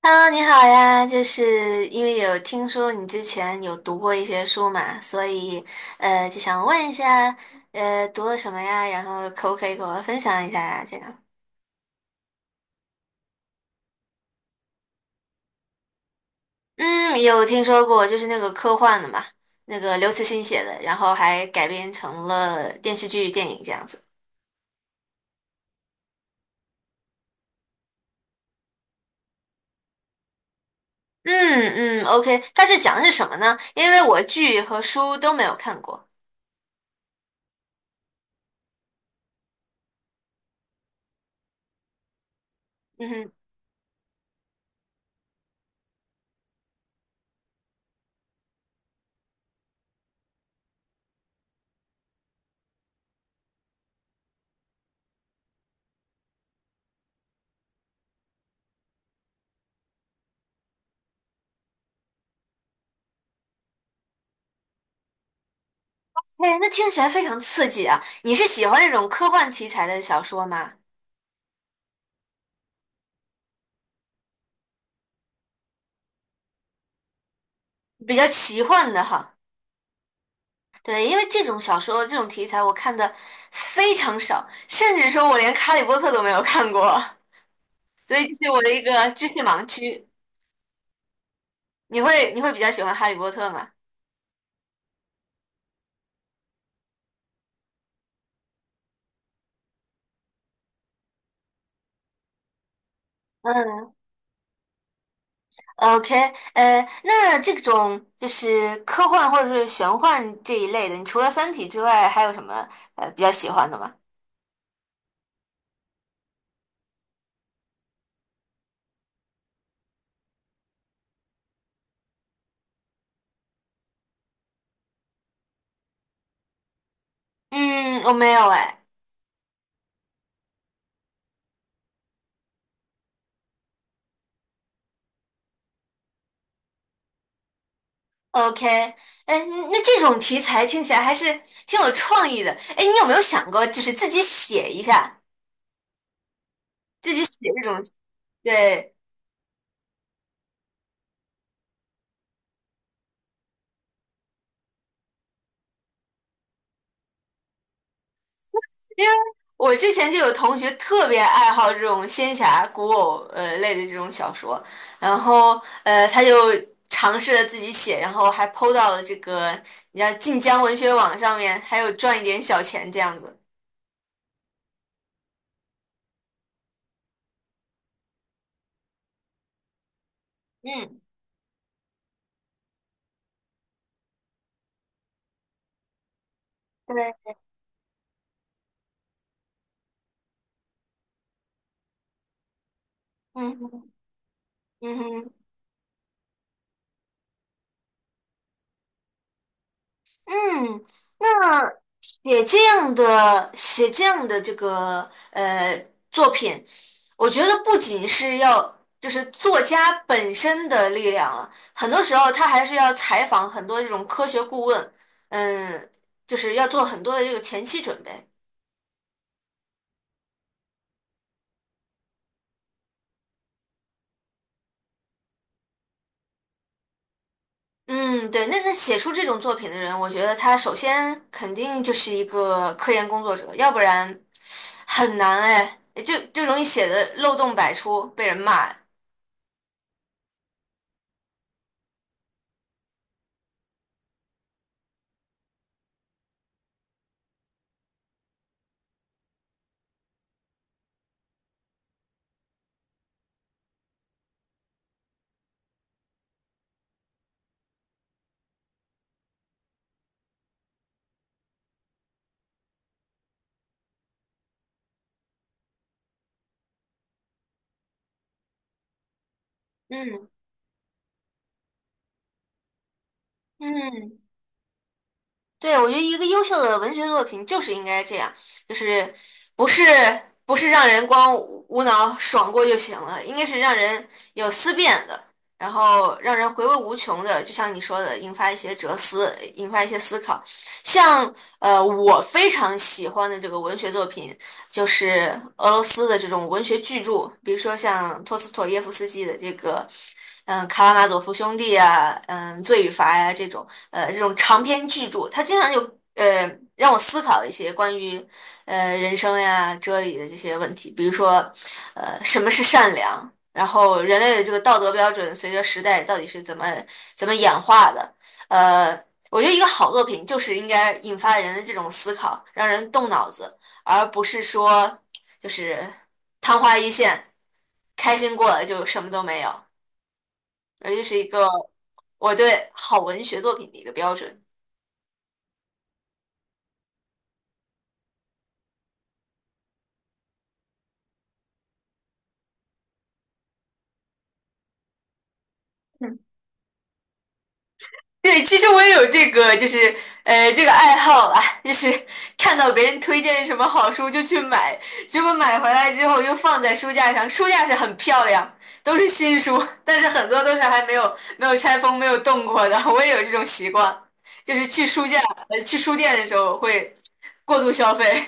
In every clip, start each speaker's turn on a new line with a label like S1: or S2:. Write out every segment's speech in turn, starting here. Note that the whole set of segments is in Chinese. S1: Hello，你好呀，就是因为有听说你之前有读过一些书嘛，所以就想问一下，读了什么呀？然后可不可以给我分享一下呀？这样，嗯，有听说过，就是那个科幻的嘛，那个刘慈欣写的，然后还改编成了电视剧、电影这样子。嗯嗯，OK，它是讲的是什么呢？因为我剧和书都没有看过。嗯哼。哎，那听起来非常刺激啊！你是喜欢那种科幻题材的小说吗？比较奇幻的哈，对，因为这种小说这种题材我看的非常少，甚至说我连《哈利波特》都没有看过，所以这是我的一个知识盲区。你会比较喜欢《哈利波特》吗？嗯，OK，呃，那这种就是科幻或者是玄幻这一类的，你除了《三体》之外，还有什么比较喜欢的吗？嗯，我没有哎。OK，哎，那这种题材听起来还是挺有创意的。哎，你有没有想过，就是自己写一下？自己写这种，对，因为我之前就有同学特别爱好这种仙侠、古偶类的这种小说，然后他就尝试着自己写，然后还 PO 到了这个你像晋江文学网上面，还有赚一点小钱这样子。嗯，对，嗯哼嗯哼嗯。写这样的这个作品，我觉得不仅是要就是作家本身的力量了，很多时候他还是要采访很多这种科学顾问，嗯，就是要做很多的这个前期准备。嗯，对，那写出这种作品的人，我觉得他首先肯定就是一个科研工作者，要不然很难哎，就容易写的漏洞百出，被人骂。嗯嗯。对，我觉得一个优秀的文学作品就是应该这样，就是不是不是让人光无脑爽过就行了，应该是让人有思辨的，然后让人回味无穷的，就像你说的，引发一些哲思，引发一些思考。像，我非常喜欢的这个文学作品，就是俄罗斯的这种文学巨著，比如说像托斯妥耶夫斯基的这个，嗯，《卡拉马佐夫兄弟》啊，嗯，《罪与罚》呀这种，这种长篇巨著，它经常就呃让我思考一些关于人生呀、哲理的这些问题，比如说，什么是善良？然后人类的这个道德标准随着时代到底是怎么演化的？呃，我觉得一个好作品就是应该引发人的这种思考，让人动脑子，而不是说就是昙花一现，开心过了就什么都没有。而这是一个我对好文学作品的一个标准。对，其实我也有这个，就是，这个爱好啊，就是看到别人推荐什么好书就去买，结果买回来之后又放在书架上，书架是很漂亮，都是新书，但是很多都是还没有没有拆封、没有动过的。我也有这种习惯，就是去书架，去书店的时候会过度消费。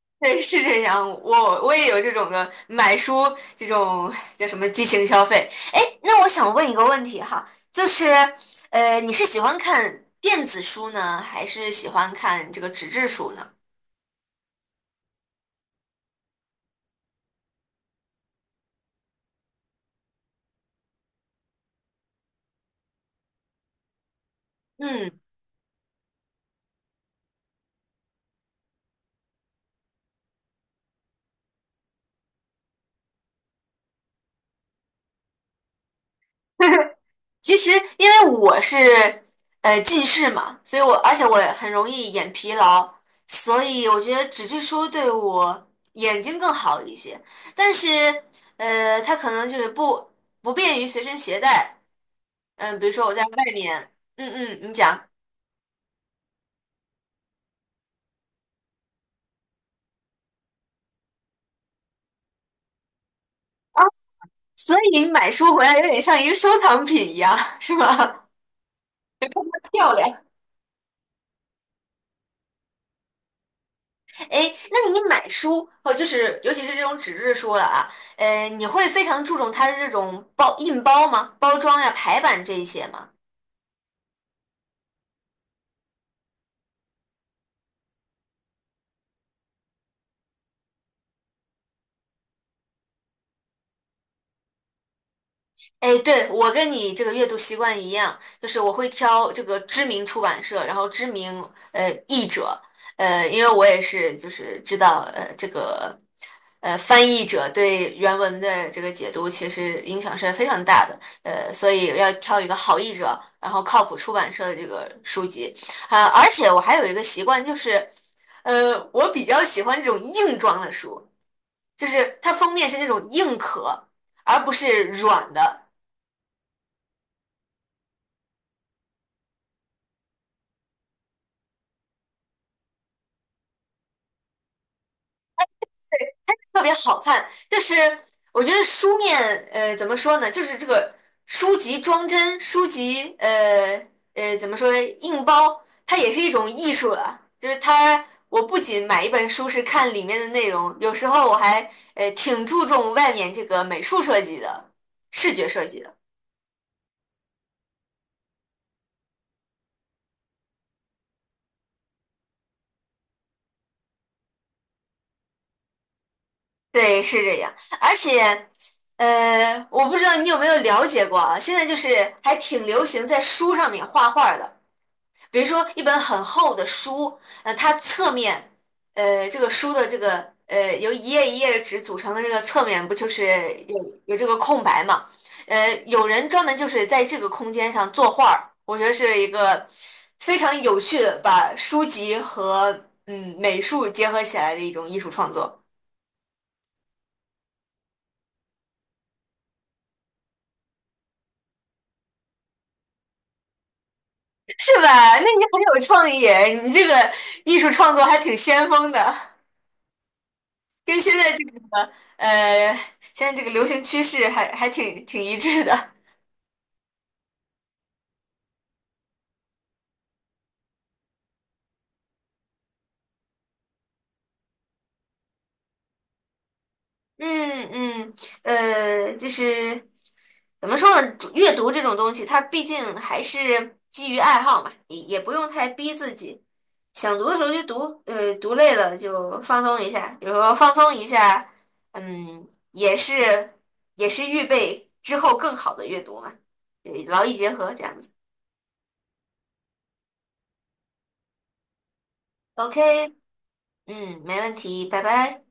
S1: 对，是这样，我也有这种的买书这种叫什么激情消费。哎，那我想问一个问题哈，就是，你是喜欢看电子书呢，还是喜欢看这个纸质书呢？嗯，其实因为我是近视嘛，所以我而且我也很容易眼疲劳，所以我觉得纸质书对我眼睛更好一些。但是，它可能就是不便于随身携带。嗯，比如说我在外面，嗯嗯，你讲啊，所以买书回来有点像一个收藏品一样，是吗？漂亮。哎，那你买书哦，就是尤其是这种纸质书了啊，你会非常注重它的这种包吗？包装呀、排版这一些吗？哎，对，我跟你这个阅读习惯一样，就是我会挑这个知名出版社，然后知名译者，因为我也是就是知道这个翻译者对原文的这个解读其实影响是非常大的，所以要挑一个好译者，然后靠谱出版社的这个书籍，啊、而且我还有一个习惯就是，我比较喜欢这种硬装的书，就是它封面是那种硬壳。而不是软的，特别好看，就是我觉得书面，怎么说呢，就是这个书籍装帧，书籍，怎么说，硬包，它也是一种艺术了。就是它，我不仅买一本书是看里面的内容，有时候我还，挺注重外面这个美术设计的，视觉设计的。对，是这样，而且。我不知道你有没有了解过啊？现在就是还挺流行在书上面画画的。比如说一本很厚的书，它侧面，这个书的这个由一页一页的纸组成的这个侧面，不就是有有这个空白嘛？有人专门就是在这个空间上作画儿，我觉得是一个非常有趣的把书籍和嗯美术结合起来的一种艺术创作，是吧？那你很有创意，你这个艺术创作还挺先锋的。跟现在这个呃，现在这个流行趋势还挺一致的。嗯嗯，就是怎么说呢？阅读这种东西，它毕竟还是基于爱好嘛，也不用太逼自己。想读的时候就读，读累了就放松一下。比如说放松一下，嗯，也是预备之后更好的阅读嘛，劳逸结合这样子。OK，嗯，没问题，拜拜。